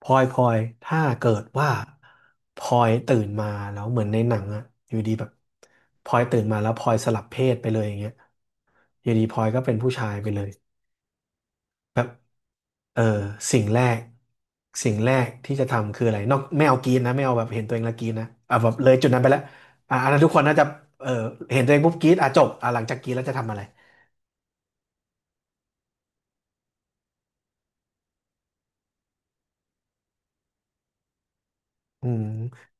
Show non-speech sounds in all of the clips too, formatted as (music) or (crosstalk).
พลอยถ้าเกิดว่าพลอยตื่นมาแล้วเหมือนในหนังอะอยู่ดีแบบพลอยตื่นมาแล้วพลอยสลับเพศไปเลยอย่างเงี้ยอยู่ดีพลอยก็เป็นผู้ชายไปเลยแบบเออสิ่งแรกสิ่งแรกที่จะทำคืออะไรนอกไม่เอากรีดนะไม่เอาแบบเห็นตัวเองแล้วกรีดนะอ่ะแบบเลยจุดนั้นไปแล้วอ่ะอันนั้นทุกคนน่าจะเออเห็นตัวเองปุ๊บกรีดอ่ะจบอ่ะหลังจากกรีดแล้วจะทำอะไรอืม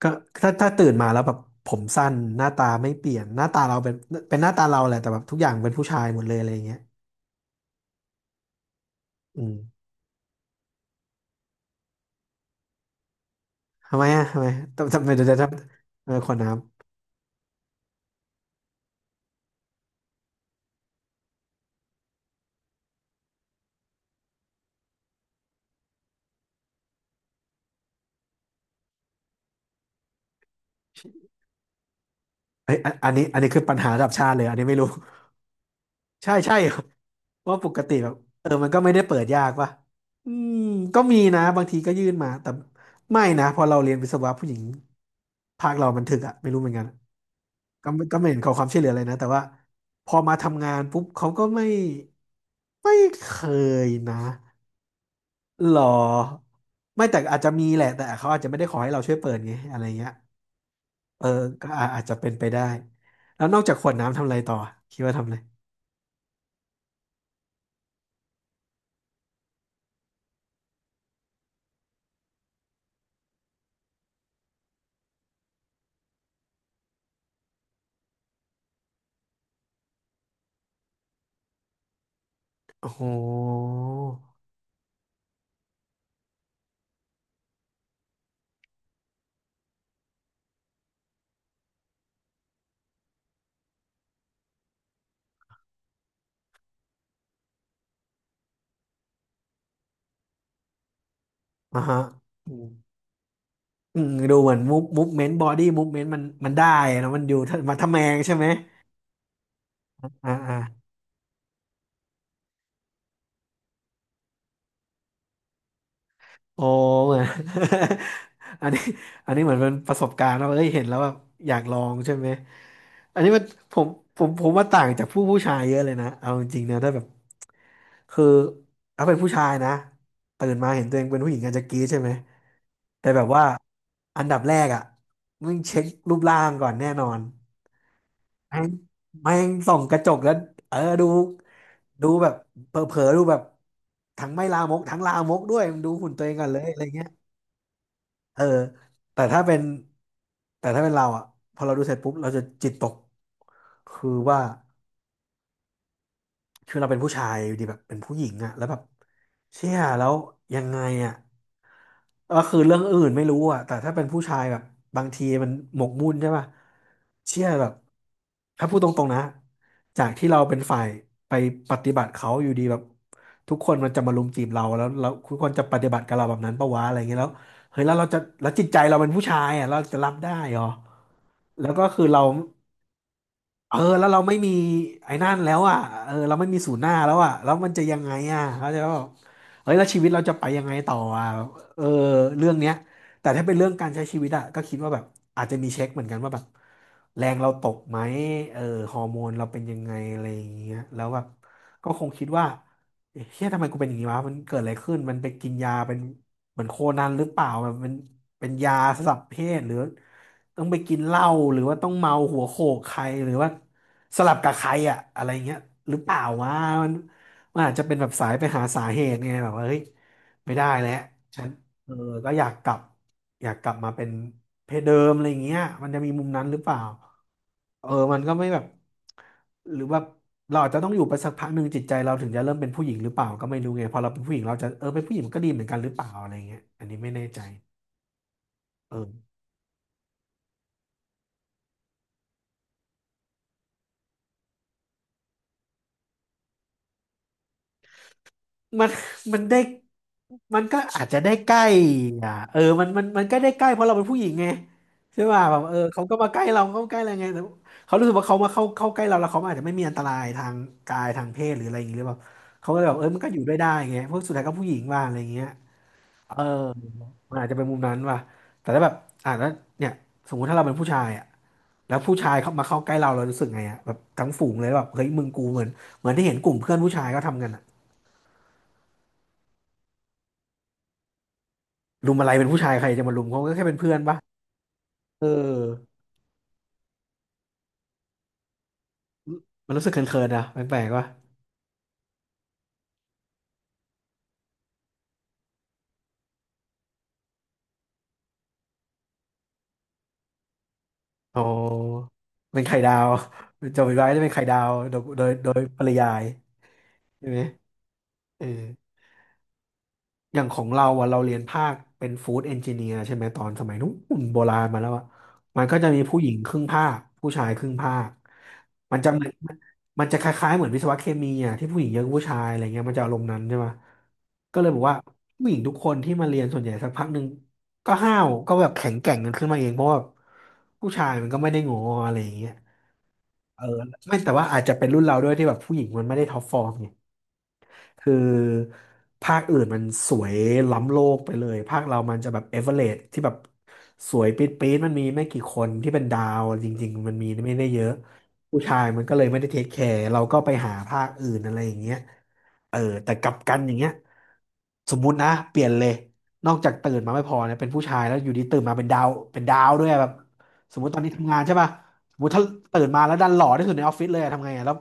ก็ถ้าตื่นมาแล้วแบบผมสั้นหน้าตาไม่เปลี่ยนหน้าตาเราเป็นเป็นหน้าตาเราแหละแต่แบบทุกอย่างเป็นผู้ชายหมดเลยอะไรอย่างเงี้ย อืมทำไมอ่ะทำไมต้องทำไมเดี๋ยวจะทำขวดน้ำเอ้ยอันอันนี้คือปัญหาระดับชาติเลยอันนี้ไม่รู้ (laughs) ใช่ใช่ (laughs) ว่าะปกติแบบมันก็ไม่ได้เปิดยากป่ะอืมก็มีนะบางทีก็ยื่นมาแต่ไม่นะพอเราเรียนวิศวะผู้หญิงภาคเรามันถึกอะไม่รู้เหมือนกันก็ไม่เห็นขอความช่วยเหลืออะไรนะแต่ว่าพอมาทำงานปุ๊บเขาก็ไม่ไม่เคยนะหรอไม่แต่อาจจะมีแหละแต่เขาอาจจะไม่ได้ขอให้เราช่วยเปิดไงอะไรเงี้ย เออก็อาจจะเป็นไปได้แล้วนอกจากขวดน้ำทำอะไรต่อคิดว่าทำอะไรโอ้โหอ่ะฮะอืมอืมดูเหมือนมูฟมูฟเมนต์บอดี้มูฟเมนต์มันได้นะมันอยู่ถ้ามาทำแมงใช่ไหมอ่าอ่า โอ้เหมือน (laughs) อันนี้อันนี้เหมือนเป็นประสบการณ์ว่าเอ้ยเห็นแล้วแบบอยากลองใช่ไหมอันนี้มันผมผมว่าต่างจากผู้ชายเยอะเลยนะเอาจริงๆนะถ้าแบบคือถ้าเป็นผู้ชายนะตื่นมาเห็นตัวเองเป็นผู้หญิงอาจจะกรี๊ดใช่ไหมแต่แบบว่าอันดับแรกอ่ะมึงเช็ครูปร่างก่อนแน่นอนแม่งแม่งส่องกระจกแล้วเออดูดูแบบเผลอๆดูแบบทั้งไม่ลามกทั้งลามกด้วยมึงดูหุ่นตัวเองก่อนเลยอะไรเงี้ย เออแต่ถ้าเป็นแต่ถ้าเป็นเราอ่ะพอเราดูเสร็จปุ๊บเราจะจิตตกคือว่า คือเราเป็นผู้ชายอยู่ดีแบบเป็นผู้หญิงอะแล้วแบบเชี่ยแล้วยังไงอะก็คือเรื่องอื่นไม่รู้อะแต่ถ้าเป็นผู้ชายแบบบางทีมันหมกมุ่นใช่ป่ะเชี่ยแบบถ้าพูดตรงๆนะจากที่เราเป็นฝ่ายไปปฏิบัติเขาอยู่ดีแบบทุกคนมันจะมารุมจีบเราแล้วแล้วทุกคนจะปฏิบัติกับเราแบบนั้นปะวะอะไรเงี้ยแล้วเฮ้ยแล้วเราจะแล้วจิตใจเราเป็นผู้ชายอะเราจะรับได้เหรอแล้วก็คือเรา แล้วเราไม่มีไอ้นั่นแล้วอ่ะเราไม่มีศูนย์หน้าแล้วอ่ะแล้วมันจะยังไงอ่ะเขาใจปะบอกเฮ้ยแล้วชีวิตเราจะไปยังไงต่ออ่ะเออเรื่องเนี้ยแต่ถ้าเป็นเรื่องการใช้ชีวิตอ่ะก็คิดว่าแบบอาจจะมีเช็คเหมือนกันว่าแบบแรงเราตกไหมเออฮอร์โมนเราเป็นยังไงอะไรอย่างเงี้ยแล้วแบบก็คงคิดว่าเอ๊ะเฮียทำไมกูเป็นอย่างนี้วะมันเกิดอะไรขึ้นมันไปกินยาเป็นเหมือนโคนันหรือเปล่าแบบมันเป็นยาสลับเพศหรือ ต้องไปกินเหล้าหรือว่าต้องเมาหัวโขกใครหรือว่าสลับกับใครอะอะไรเงี้ยหรือเปล่าวะมันมันอาจจะเป็นแบบสายไปหาสาเหตุไงแบบว่าเฮ้ยไม่ได้แล้วฉันเออก็อยากกลับมาเป็นเพศเดิมอะไรเงี้ยมันจะมีมุมนั้นหรือเปล่ามันก็ไม่แบบหรือว่าเราอาจจะต้องอยู่ไปสักพักหนึ่งจิตใจเราถึงจะเริ่มเป็นผู้หญิงหรือเปล่าก็ไม่รู้ไงพอเราเป็นผู้หญิงเราจะเป็นผู้หญิงมันก็ดีเหมือนกันหรือเปล่าอะไรเงี้ยอันนี้ไม่แน่ใจเออ มัน (laughs) มันได้มันก็อาจจะได้ใกล้อ่ะเออมันก็ได้ใกล้เพราะเราเป็นผู้หญิงไงใช่ป่ะแบบเออเขาก็มาใกล้เราเขาใกล้อะไรไงแต่เขารู้สึกว่าเขามาเข้าใกล้เราแล้วเขาอาจจะไม่มีอันตรายทางกายทางเพศหรืออะไรอย่างเงี้ยหรือเปล่าเขาก็เลยแบบเออมันก็อยู่ด้วยได้ไงเพราะสุดท้ายก็ผู้หญิงว่าอะไรอย่างเงี้ยเออมันอาจจะเป็นมุมนั้นว่ะแต่ถ้าแบบอ่านแล้วเนี่ยสมมุติถ้าเราเป็นผู้ชายอ่ะแล้วผู้ชายเข้ามาเข้าใกล้เราเรารู้สึกไงอ่ะแบบทั้งฝูงเลยแบบเฮ้ยมึงกูเหมือนที่เห็นกลุ่มเพื่อนผู้ชายก็ทำกันอะ รุมอะไรเป็นผู้ชายใครจะมารุมเขาก็แค่เป็นเพื่อนปะเออมันรู้สึกเขินๆนะแปลกๆปะอ๋อเป็นไข่ดาว (laughs) โจมิไว้จะเป็นไข่ดาวโดยปริยายใช่ไหมเออ อย่างของเราอ่ะเราเรียนภาคเป็นฟู้ดเอนจิเนียร์ใช่ไหมตอนสมัยนู้นโบราณมาแล้วอ่ะมันก็จะมีผู้หญิงครึ่งภาคผู้ชายครึ่งภาคมันจะเหมือนมันจะคล้ายๆเหมือนวิศวะเคมีอ่ะที่ผู้หญิงเยอะกว่าผู้ชายอะไรเงี้ยมันจะอารมณ์นั้นใช่ไหมก็เลยบอกว่าผู้หญิงทุกคนที่มาเรียนส่วนใหญ่สักพักหนึ่งก็ห้าวก็แบบแข็งแกร่งกันขึ้นมาเองเพราะว่าผู้ชายมันก็ไม่ได้งออะไรอย่างเงี้ยเออไม่แต่ว่าอาจจะเป็นรุ่นเราด้วยที่แบบผู้หญิงมันไม่ได้ท็อปฟอร์มไง คือภาคอื่นมันสวยล้ำโลกไปเลยภาคเรามันจะแบบเอเวอเรสที่แบบสวยปี๊ดปี๊ดมันมีไม่กี่คนที่เป็นดาวจริงๆมันมีไม่ได้เยอะผู้ชายมันก็เลยไม่ได้เทคแคร์เราก็ไปหาภาคอื่นอะไรอย่างเงี้ยเออแต่กลับกันอย่างเงี้ยสมมุตินะเปลี่ยนเลยนอกจากตื่นมาไม่พอเนี่ยเป็นผู้ชายแล้วอยู่ดีตื่นมาเป็นดาวเป็นดาวด้วยอะแบบสมมติตอนนี้ทำงานใช่ป่ะสมมติถ้าตื่นมาแล้วดันหล่อที่สุดในออฟฟิศเลยอะทำไงอะแล้ว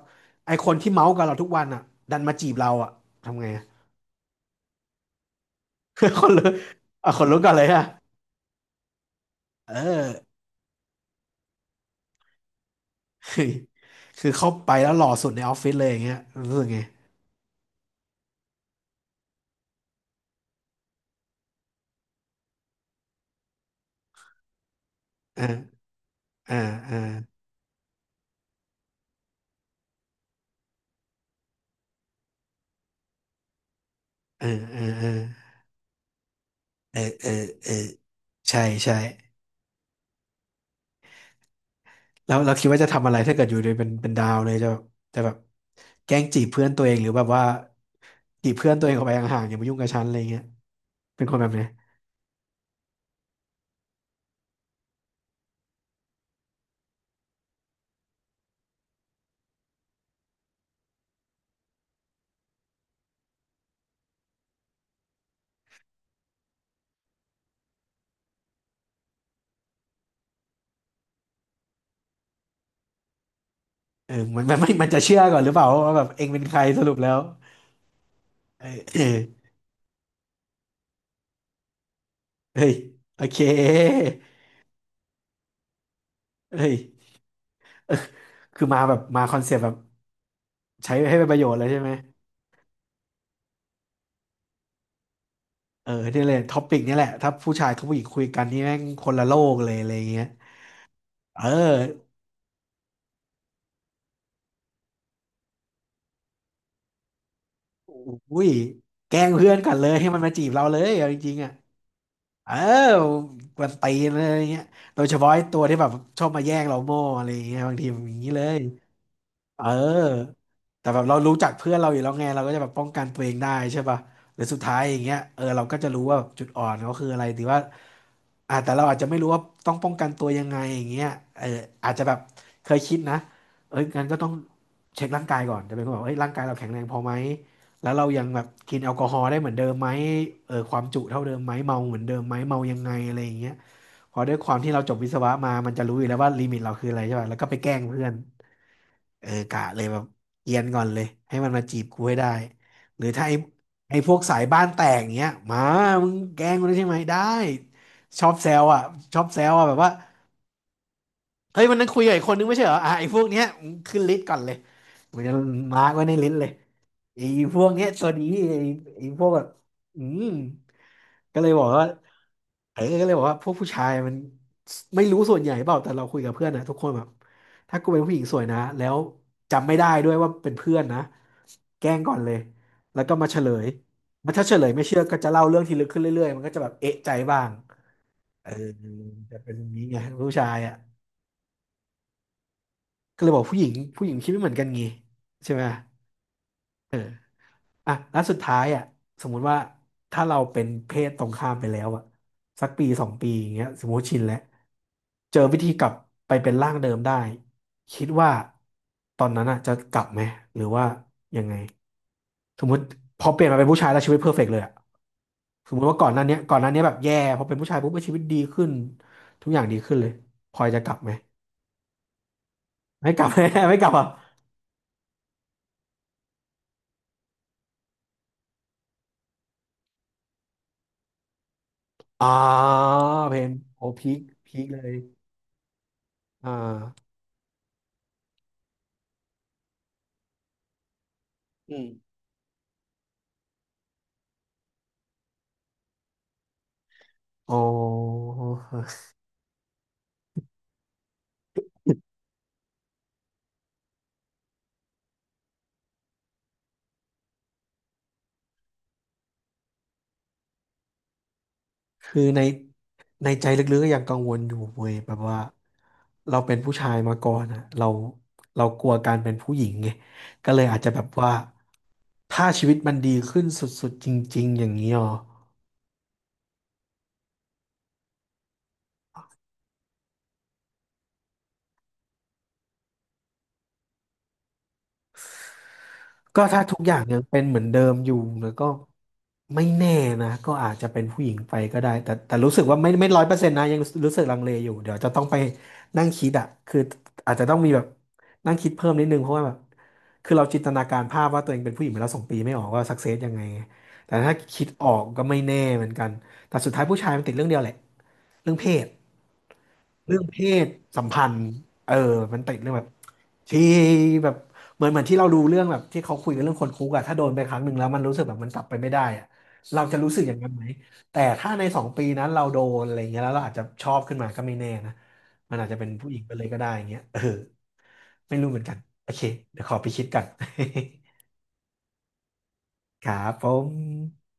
ไอคนที่เมาส์กับเราทุกวันอ่ะดันมาจีบเราอ่ะ ทำไงอะ (laughs) คนลุกอ่ะคนลุกก่อนเลยอะเออ (laughs) คือเข้าไปแล้วหล่อสุดในออฟฟิศเลยอย่างเงี้ยรู้สึกไงอ่าอ่าออเออเออเออเออเออเออใช่ใช่แล้วเราคิดว่าจะทำอะไรถ้าเกิดอยู่ในเป็นดาวเลยจะแบบแกล้งจีบเพื่อนตัวเองหรือแบบว่าจีบเพื่อนตัวเองออกไปห่างๆอย่ามายุ่งกับฉันอะไรเงี้ยเป็นคนแบบไหนเออมันจะเชื่อก่อนหรือเปล่าว่าแบบเองเป็นใครสรุปแล้วเอออเฮ้ยโอเคเฮ้ย คือมาแบบมาคอนเซปต์แบบใช้ให้เป็นประโยชน์เลยใช่ไหมเออนี่เลยท็อปิกนี่แหละถ้าผู้ชายกับผู้หญิงคุยกันนี่แม่งคนละโลกเลยอะไรเงี้ยเอออุ้ยแกล้งเพื่อนกันเลยให้มันมาจีบเราเลยเอาจริงๆอ่ะเออกวนตีนเลยอะไรเงี้ยโดยเฉพาะไอ้ตัวที่แบบชอบมาแย่งเราโม่อะไรเงี้ยบางทีมันอย่างนี้เลยเออแต่แบบเรารู้จักเพื่อนเราอยู่แล้วไงเราก็จะแบบป้องกันตัวเองได้ใช่ป่ะหรือสุดท้ายอย่างเงี้ยเออเราก็จะรู้ว่าจุดอ่อนเขาคืออะไรหรือว่า อ่าแต่เราอาจจะไม่รู้ว่าต้องป้องกันตัวยังไงอย่างเงี้ยเอออาจจะแบบเคยคิดนะเอ้ยงั้นก็ต้องเช็คร่างกายก่อนจะเป็นคนแบบเอ้ยร่างกายเราแข็งแรงพอไหมแล้วเรายังแบบกินแอลกอฮอล์ได้เหมือนเดิมไหมเออความจุเท่าเดิมไหมเมาเหมือนเดิมไหมเมายังไงอะไรอย่างเงี้ยพอด้วยความที่เราจบวิศวะมามันจะรู้อยู่แล้วว่าลิมิตเราคืออะไรใช่ป่ะแล้วก็ไปแกล้งเพื่อน เออกะเลยแบบเอียนก่อนเลยให้มันมาจีบกูให้ได้หรือถ้าไอ้พวกสายบ้านแตกเงี้ยมามึงแกล้งมันใช่ไหมได้ชอบแซวอ่ะชอบแซวอ่ะแบบว่าเฮ้ยวันนั้นคุยกับอีกคนนึงไม่ใช่เหรออ่ะไอ้พวกเนี้ยมึงขึ้นลิสต์ก่อนเลยมึงจะมาร์กไว้ในลิสต์เลยไอ้พวกเนี้ยตัวนี้ไอ้พวกแบบอืมก็เลยบอกว่า เออก็เลยบอกว่าพวกผู้ชายมันไม่รู้ส่วนใหญ่เปล่าแต่เราคุยกับเพื่อนนะทุกคนแบบถ้ากูเป็นผู้หญิงสวยนะแล้วจำไม่ได้ด้วยว่าเป็นเพื่อนนะแกล้งก่อนเลยแล้วก็มาเฉลยมันถ้าเฉลยไม่เชื่อก็จะเล่าเรื่องที่ลึกขึ้นเรื่อยๆมันก็จะแบบเอะใจบ้างเออจะเป็นอย่างนี้ไงผู้ชายอ่ะก็เลยบอกผู้หญิงคิดไม่เหมือนกันงี้ใช่ไหม อ่ะแล้วสุดท้ายอ่ะสมมุติว่าถ้าเราเป็นเพศตรงข้ามไปแล้วอ่ะสักปีสองปีอย่างเงี้ยสมมติชินแล้วเจอวิธีกลับไปเป็นร่างเดิมได้ คิดว่าตอนนั้นอ่ะจะกลับไหมหรือว่ายังไงสมมติพอเปลี่ยนมาเป็นผู้ชายแล้วชีวิตเพอร์เฟกต์เลยอ่ะสมมติว่าก่อนหน้าเนี้ยก่อนหน้าเนี้ยแบบแย่พอเป็นผู้ชายปุ๊บชีวิตดีขึ้น ทุกอย่างดีขึ้นเลยพลอยจะกลับไหมไม่กลับ (laughs) ไม่กลับอ่ะอ่าเพนโอพีคพีคเลยอ่าอืมอ๋อ คือในใจลึกๆก็ยังกังวลอยู่เว้ยแบบว่าเราเป็นผู้ชายมาก่อนอะเรากลัวการเป็นผู้หญิงไงก็เลยอาจจะแบบว่าถ้าชีวิตมันดีขึ้นสุดๆจริงๆอย่างนี้หรอ ก็ถ้าทุกอย่างยังเป็นเหมือนเดิมอยู่แล้วก็ไม่แน่นะก็อาจจะเป็นผู้หญิงไปก็ได้แต่รู้สึกว่าไม่100 เปอร์เซ็นต์นะยังรู้สึกลังเลอยู่เดี๋ยวจะต้องไปนั่งคิดอะคืออาจจะต้องมีแบบนั่งคิดเพิ่มนิดนึงเพราะว่าแบบคือเราจินตนาการภาพว่าตัวเองเป็นผู้หญิงมาแล้วสองปีไม่ออกว่าสักเซสยังไงแต่ถ้าคิดออกก็ไม่แน่เหมือนกันแต่สุดท้ายผู้ชายมันติดเรื่องเดียวแหละเรื่องเพศ เรื่องเพศสัมพันธ์เออมันติดเรื่องแบบที่แบบเหมือนที่เราดูเรื่องแบบที่เขาคุยกันเรื่องคนคุกอะถ้าโดนไปครั้งหนึ่งแล้วมันรู้สึกแบบมันกลับไปไม่ได้อะเราจะรู้สึกอย่างนั้นไหมแต่ถ้าในสองปีนั้นเราโดนอะไรเงี้ยแล้วเราอาจจะชอบขึ้นมาก็ไม่แน่นะมันอาจจะเป็นผู้หญิงไปเลยก็ได้อย่างเงี้ยเออไม่รู้เหมือนกันโอเคเดี๋ยวขอไปคิดกัน (laughs) ครับผม